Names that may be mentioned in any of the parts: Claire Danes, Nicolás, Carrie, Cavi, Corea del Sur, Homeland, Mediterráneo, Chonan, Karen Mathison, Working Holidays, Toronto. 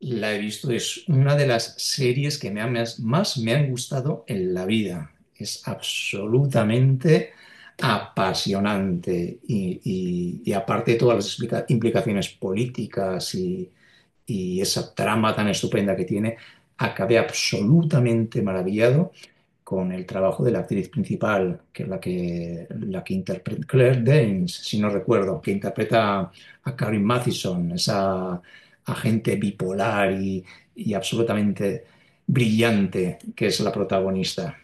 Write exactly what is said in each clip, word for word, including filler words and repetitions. La he visto, es una de las series que me ha- más, más me han gustado en la vida. Es absolutamente apasionante y, y- y aparte de todas las explica- implicaciones políticas y, y esa trama tan estupenda que tiene, acabé absolutamente maravillado con el trabajo de la actriz principal, que es la que, la que interpreta, Claire Danes, si no recuerdo, que interpreta a Karen Mathison, esa agente bipolar y, y absolutamente brillante que es la protagonista.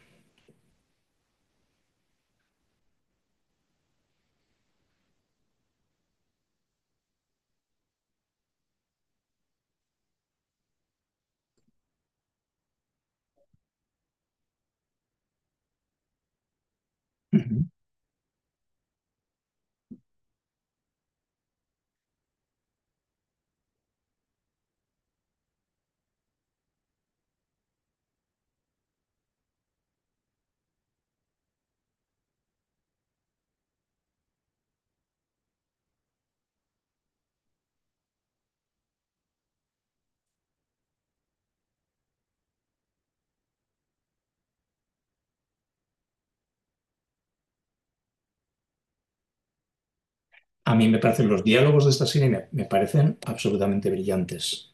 A mí me parecen los diálogos de esta serie me, me parecen absolutamente brillantes.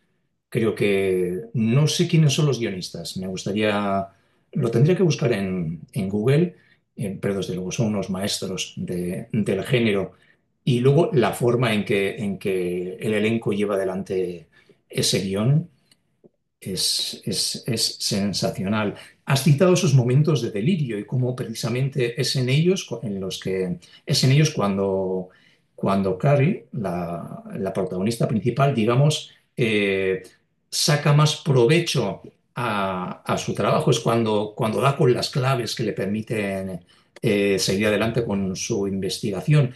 Creo que no sé quiénes son los guionistas. Me gustaría, lo tendría que buscar en, en Google, eh, pero desde luego son unos maestros de- del género. Y luego la forma en que, en que el elenco lleva adelante ese guión es, es- es sensacional. Has citado esos momentos de delirio y cómo precisamente es en ellos cu- en los que es en ellos cuando, cuando Carrie, la, la protagonista principal, digamos, eh, saca más provecho a, a su trabajo. Es cuando, cuando da con las claves que le permiten eh, seguir adelante con su investigación.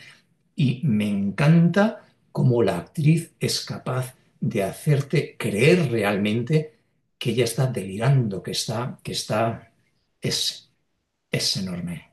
Y me encanta cómo la actriz es capaz de hacerte creer realmente que ella está delirando, que está, que está, es, es enorme.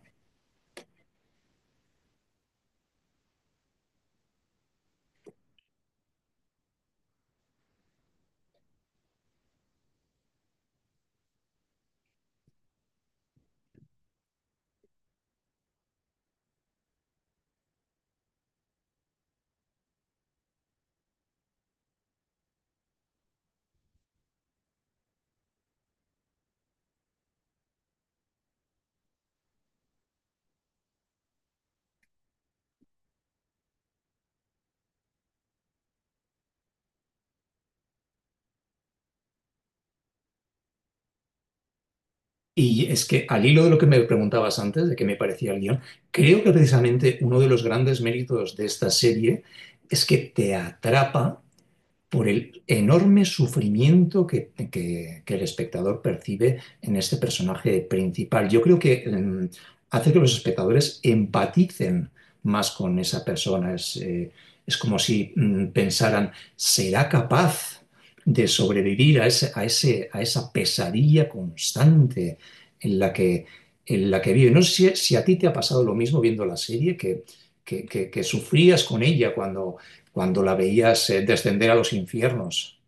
Y es que al hilo de lo que me preguntabas antes, de qué me parecía el guión, creo que precisamente uno de los grandes méritos de esta serie es que te atrapa por el enorme sufrimiento que, que- que el espectador percibe en este personaje principal. Yo creo que mm, hace que los espectadores empaticen más con esa persona. Es, eh, es como si mm, pensaran, ¿será capaz de sobrevivir a ese- a ese- a esa pesadilla constante en la que, en la que vive? No sé si, si a ti te ha pasado lo mismo viendo la serie, que, que- que- que sufrías con ella cuando cuando la veías eh, descender a los infiernos.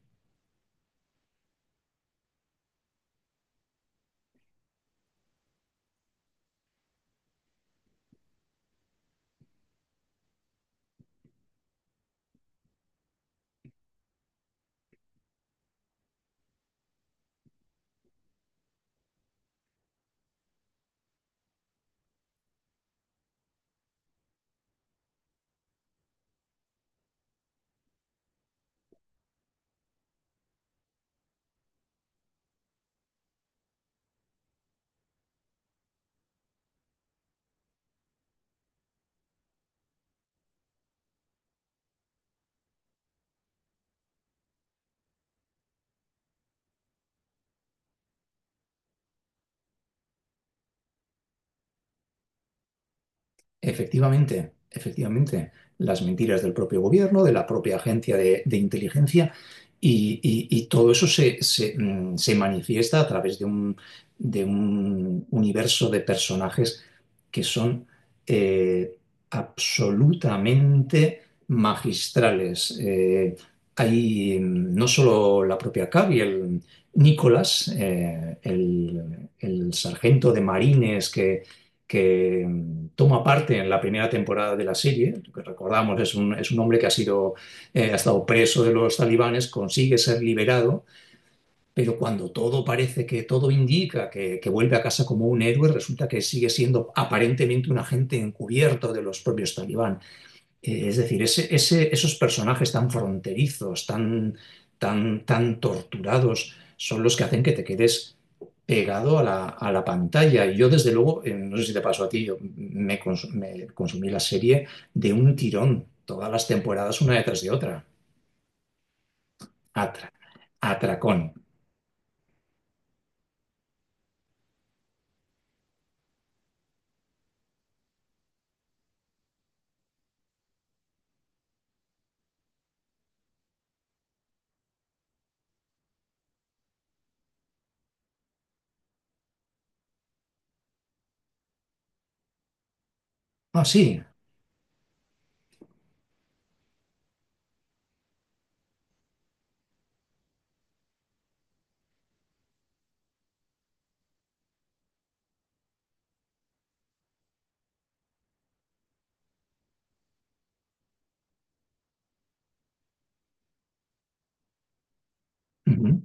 Efectivamente, efectivamente. Las mentiras del propio gobierno, de la propia agencia de, de inteligencia y, y- y todo eso se, se, mm, se manifiesta a través de un, de un universo de personajes que son eh, absolutamente magistrales. Eh, hay mm, no solo la propia Cavi, el Nicolás, eh, el, el sargento de marines que toma parte en la primera temporada de la serie, lo que recordamos es un, es un hombre que ha, sido, eh, ha estado preso de los talibanes, consigue ser liberado, pero cuando todo parece que todo indica que, que vuelve a casa como un héroe, resulta que sigue siendo aparentemente un agente encubierto de los propios talibanes. Eh, Es decir, ese- ese- esos personajes tan fronterizos, tan, tan, tan torturados, son los que hacen que te quedes pegado a la, a la pantalla. Y yo, desde luego, eh, no sé si te pasó a ti, yo me, cons- me consumí la serie de un tirón, todas las temporadas una detrás de otra. Atra- atracón. Ah, sí. Ujú.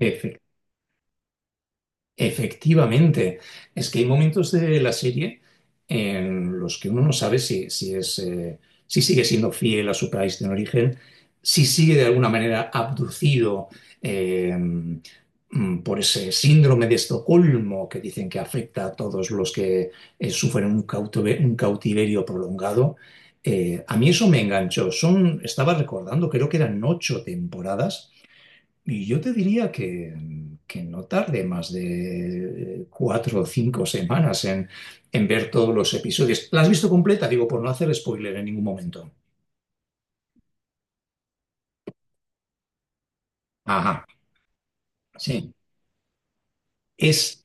Efe- Efectivamente, es que hay momentos de la serie en los que uno no sabe si, si es, eh, si sigue siendo fiel a su país de origen, si sigue de alguna manera abducido eh, mm, por ese síndrome de Estocolmo que dicen que afecta a todos los que eh, sufren un, cautove- un cautiverio prolongado. Eh, a mí eso me enganchó. Son, estaba recordando, creo que eran ocho temporadas y yo te diría que, que no tarde más de eh, cuatro o cinco semanas en, en ver todos los episodios. ¿La has visto completa? Digo, por no hacer spoiler en ningún momento. Ajá, sí. Es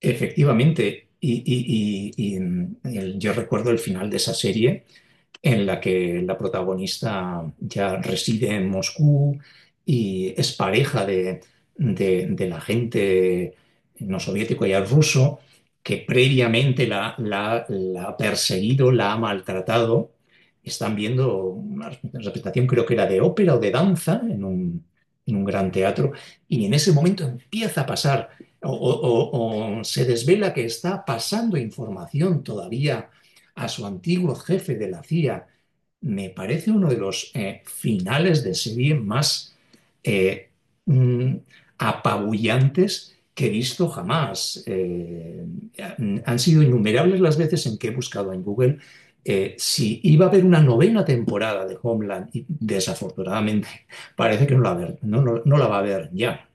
efectivamente, y, y- y- y, mm, el- yo recuerdo el final de esa serie en la que la protagonista ya reside en Moscú y es pareja de, de, del agente no soviético y ruso que previamente la, la- la ha perseguido, la ha maltratado. Están viendo una representación, creo que era de ópera o de danza, en un, en un gran teatro, y en ese momento empieza a pasar o, o- o- o se desvela que está pasando información todavía a su antiguo jefe de la C I A. Me parece uno de los eh, finales de serie más eh, mm, apabullantes que he visto jamás. Eh, han sido innumerables las veces en que he buscado en Google eh, si iba a haber una novena temporada de Homeland y desafortunadamente parece que no la, va a haber, no, no, no la va a haber ya.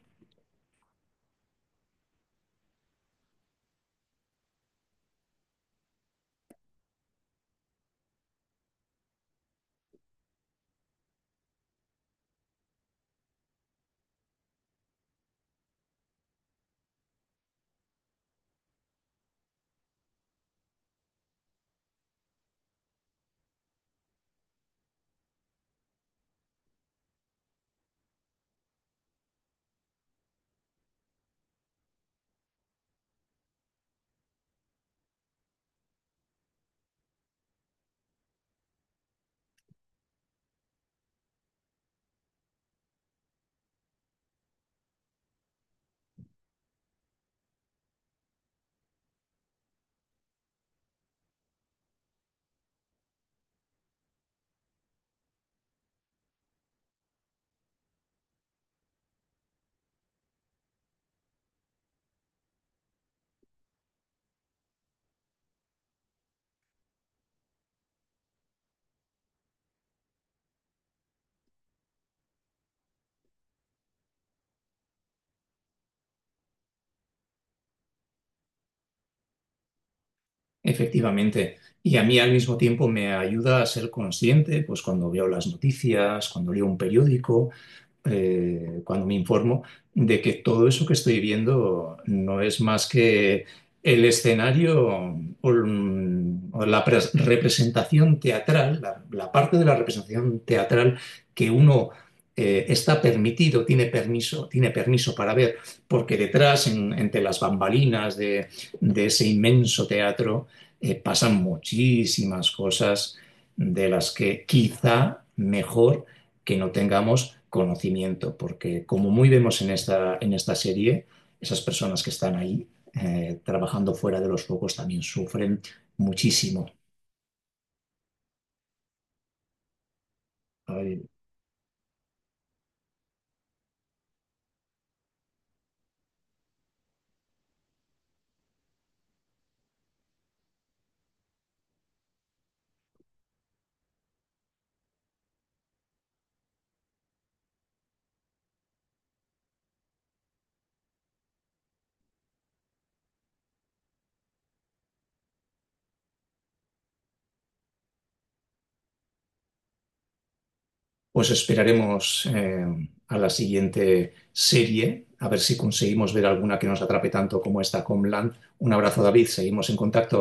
Efectivamente. Y a mí al mismo tiempo me ayuda a ser consciente, pues cuando veo las noticias, cuando leo un periódico, eh, cuando me informo, de que todo eso que estoy viendo no es más que el escenario o, mm, o la pres- representación teatral, la, la parte de la representación teatral que uno eh, está permitido, tiene permiso, tiene permiso para ver, porque detrás, en- entre las bambalinas de, de ese inmenso teatro, eh, pasan muchísimas cosas de las que quizá mejor que no tengamos conocimiento, porque como muy vemos en esta, en esta serie, esas personas que están ahí eh, trabajando fuera de los focos también sufren muchísimo. Ay, os esperaremos eh, a la siguiente serie, a ver si conseguimos ver alguna que nos atrape tanto como esta Homeland. Un abrazo, David, seguimos en contacto.